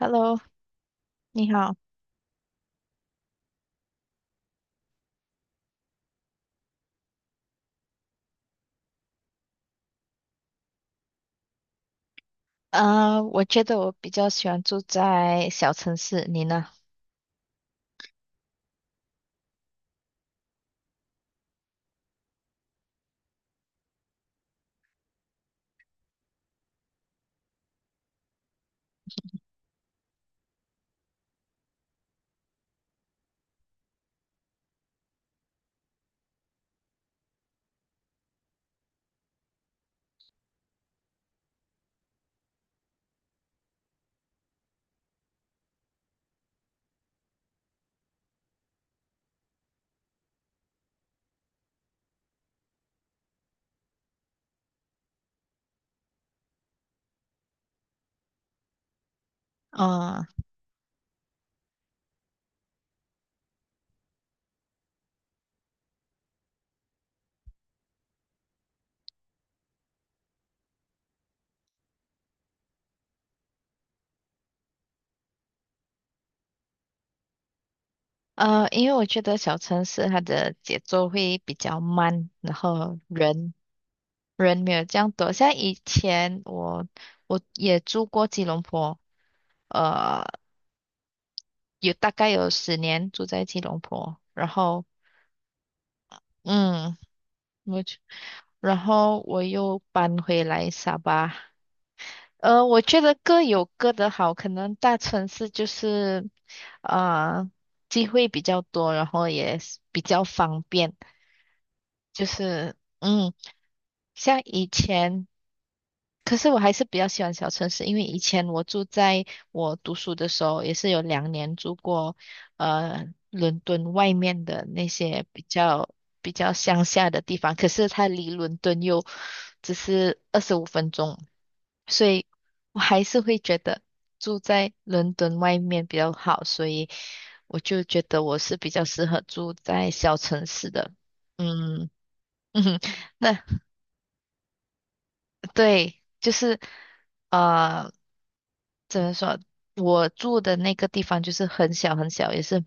Hello，你好。我觉得我比较喜欢住在小城市，你呢？嗯，因为我觉得小城市它的节奏会比较慢，然后人没有这样多。像以前我也住过吉隆坡，呃，有大概有10年住在吉隆坡，嗯，我就然后我又搬回来沙巴。我觉得各有各的好，可能大城市就是，呃，机会比较多，然后也是比较方便，就是像以前。可是我还是比较喜欢小城市，因为以前我住在我读书的时候，也是有两年住过，伦敦外面的那些比较乡下的地方，可是它离伦敦又只是25分钟，所以我还是会觉得住在伦敦外面比较好，所以我就觉得我是比较适合住在小城市的，嗯。嗯，那对，就是呃，怎么说？我住的那个地方就是很小很小，也是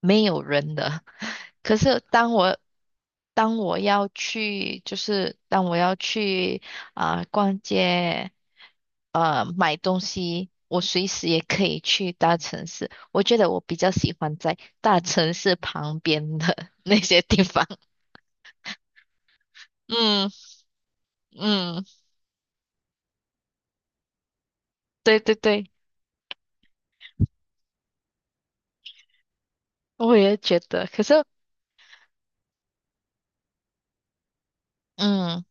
没有人的。可是当我要去，就是当我要去啊、逛街，买东西，我随时也可以去大城市。我觉得我比较喜欢在大城市旁边的 那些地方。嗯嗯，对对对，我也觉得。可是。嗯，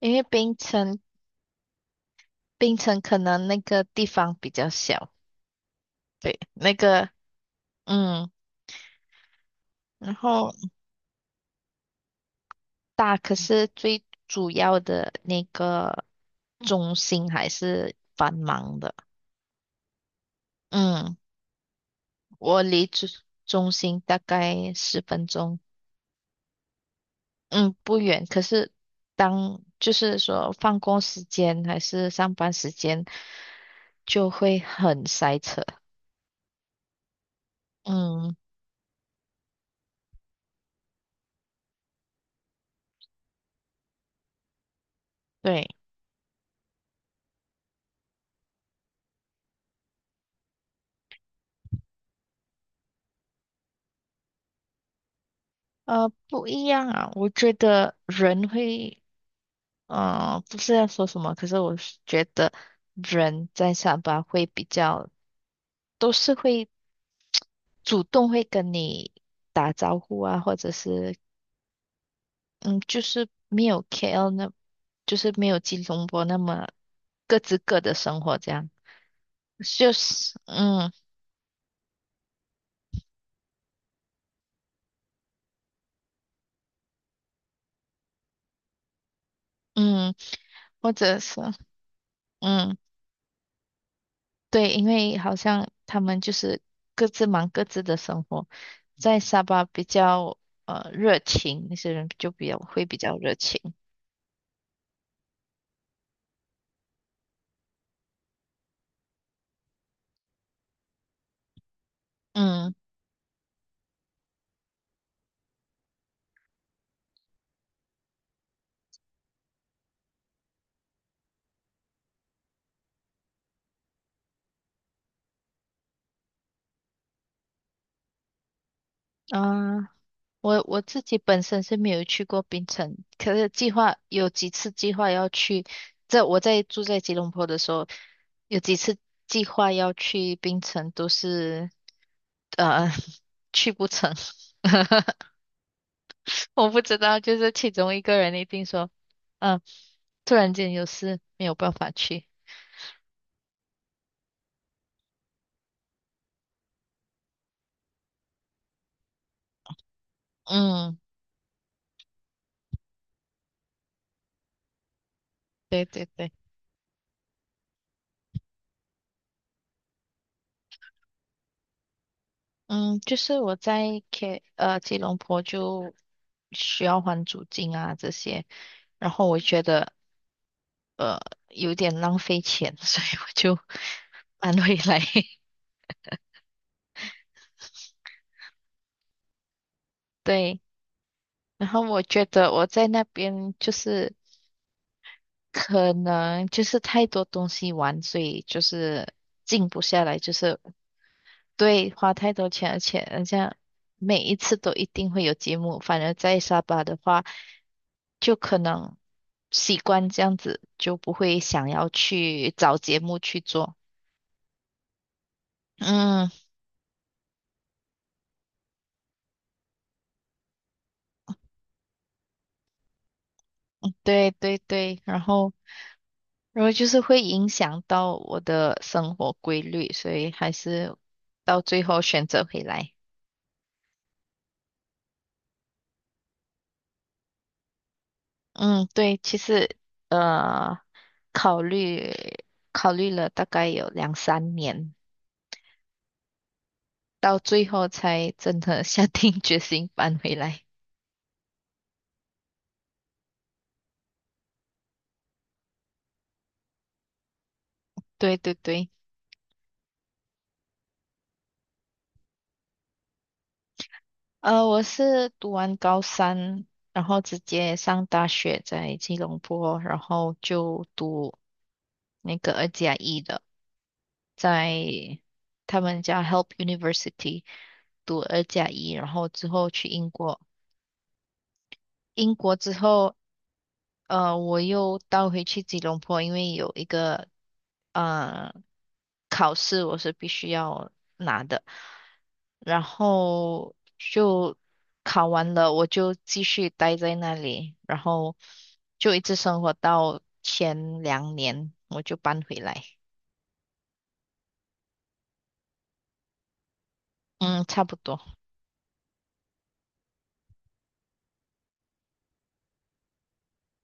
因为槟城可能那个地方比较小，对，那个，嗯，然后大，可是最主要的那个中心还是繁忙的。嗯，我离中心大概10分钟，嗯，不远。可是当就是说放工时间还是上班时间，就会很塞车。嗯，对。不一样啊。我觉得人会，不是要说什么，可是我是觉得人在上班会比较，都是会主动会跟你打招呼啊，或者是，嗯，就是没有 KL 那，就是没有吉隆波那么各自各的生活这样，就是，嗯嗯，或者是，嗯。对，因为好像他们就是各自忙各自的生活，在沙巴比较热情，那些人就比较会比较热情。嗯啊，我自己本身是没有去过槟城，可是计划有几次计划要去。这我在住在吉隆坡的时候，有几次计划要去槟城，都是呃 去不成。我不知道，就是其中一个人一定说。嗯。突然间有事没有办法去。嗯，对对对，嗯，就是我在 吉隆坡就需要还租金啊这些，然后我觉得呃有点浪费钱，所以我就 搬回来。对，然后我觉得我在那边就是可能就是太多东西玩，所以就是静不下来，就是。对，花太多钱，而且人家每一次都一定会有节目，反而在沙巴的话，就可能习惯这样子，就不会想要去找节目去做。嗯，对对对，然后就是会影响到我的生活规律，所以还是到最后选择回来。嗯，对，其实呃，考虑考虑了大概有两三年，到最后才真的 下定决心搬回来。对对对，我是读完高三，然后直接上大学，在吉隆坡，然后就读那个二加一的，在他们家 Help University 读二加一，然后之后去英国，英国之后，我又倒回去吉隆坡，因为有一个。呃考试我是必须要拿的，然后就考完了，我就继续待在那里，然后就一直生活到前两年，我就搬回来。嗯，差不多。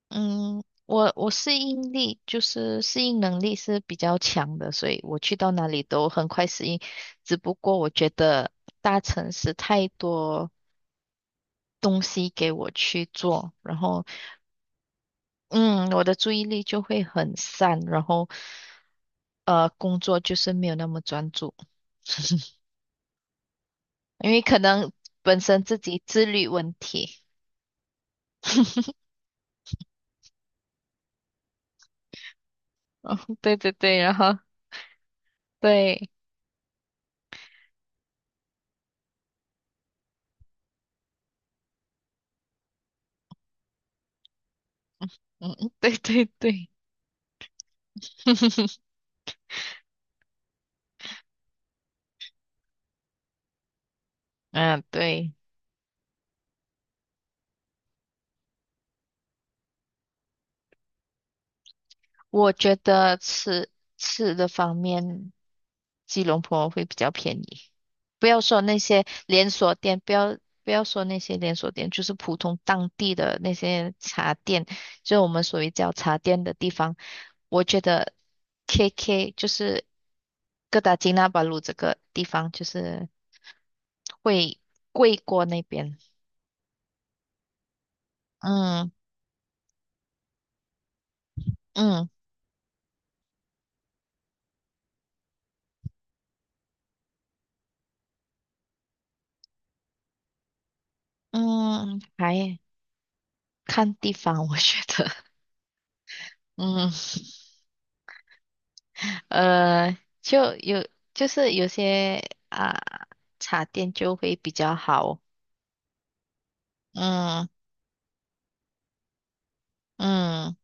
嗯，我适应力就是适应能力是比较强的，所以我去到哪里都很快适应。只不过我觉得大城市太多东西给我去做，然后嗯，我的注意力就会很散，然后工作就是没有那么专注，因为可能本身自己自律问题。哦，对对对，然后对，嗯，对对对，嗯，对。我觉得吃的方面，吉隆坡会比较便宜。不要说那些连锁店，不要说那些连锁店，就是普通当地的那些茶店，就我们所谓叫茶店的地方，我觉得 KK 就是哥打吉那巴鲁这个地方，就是会贵过那边。嗯嗯嗯，还看地方，我觉得，嗯。呃，就有就是有些啊、茶店就会比较好。嗯嗯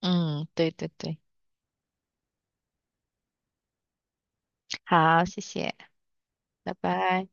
嗯，对对对，好，谢谢，拜拜。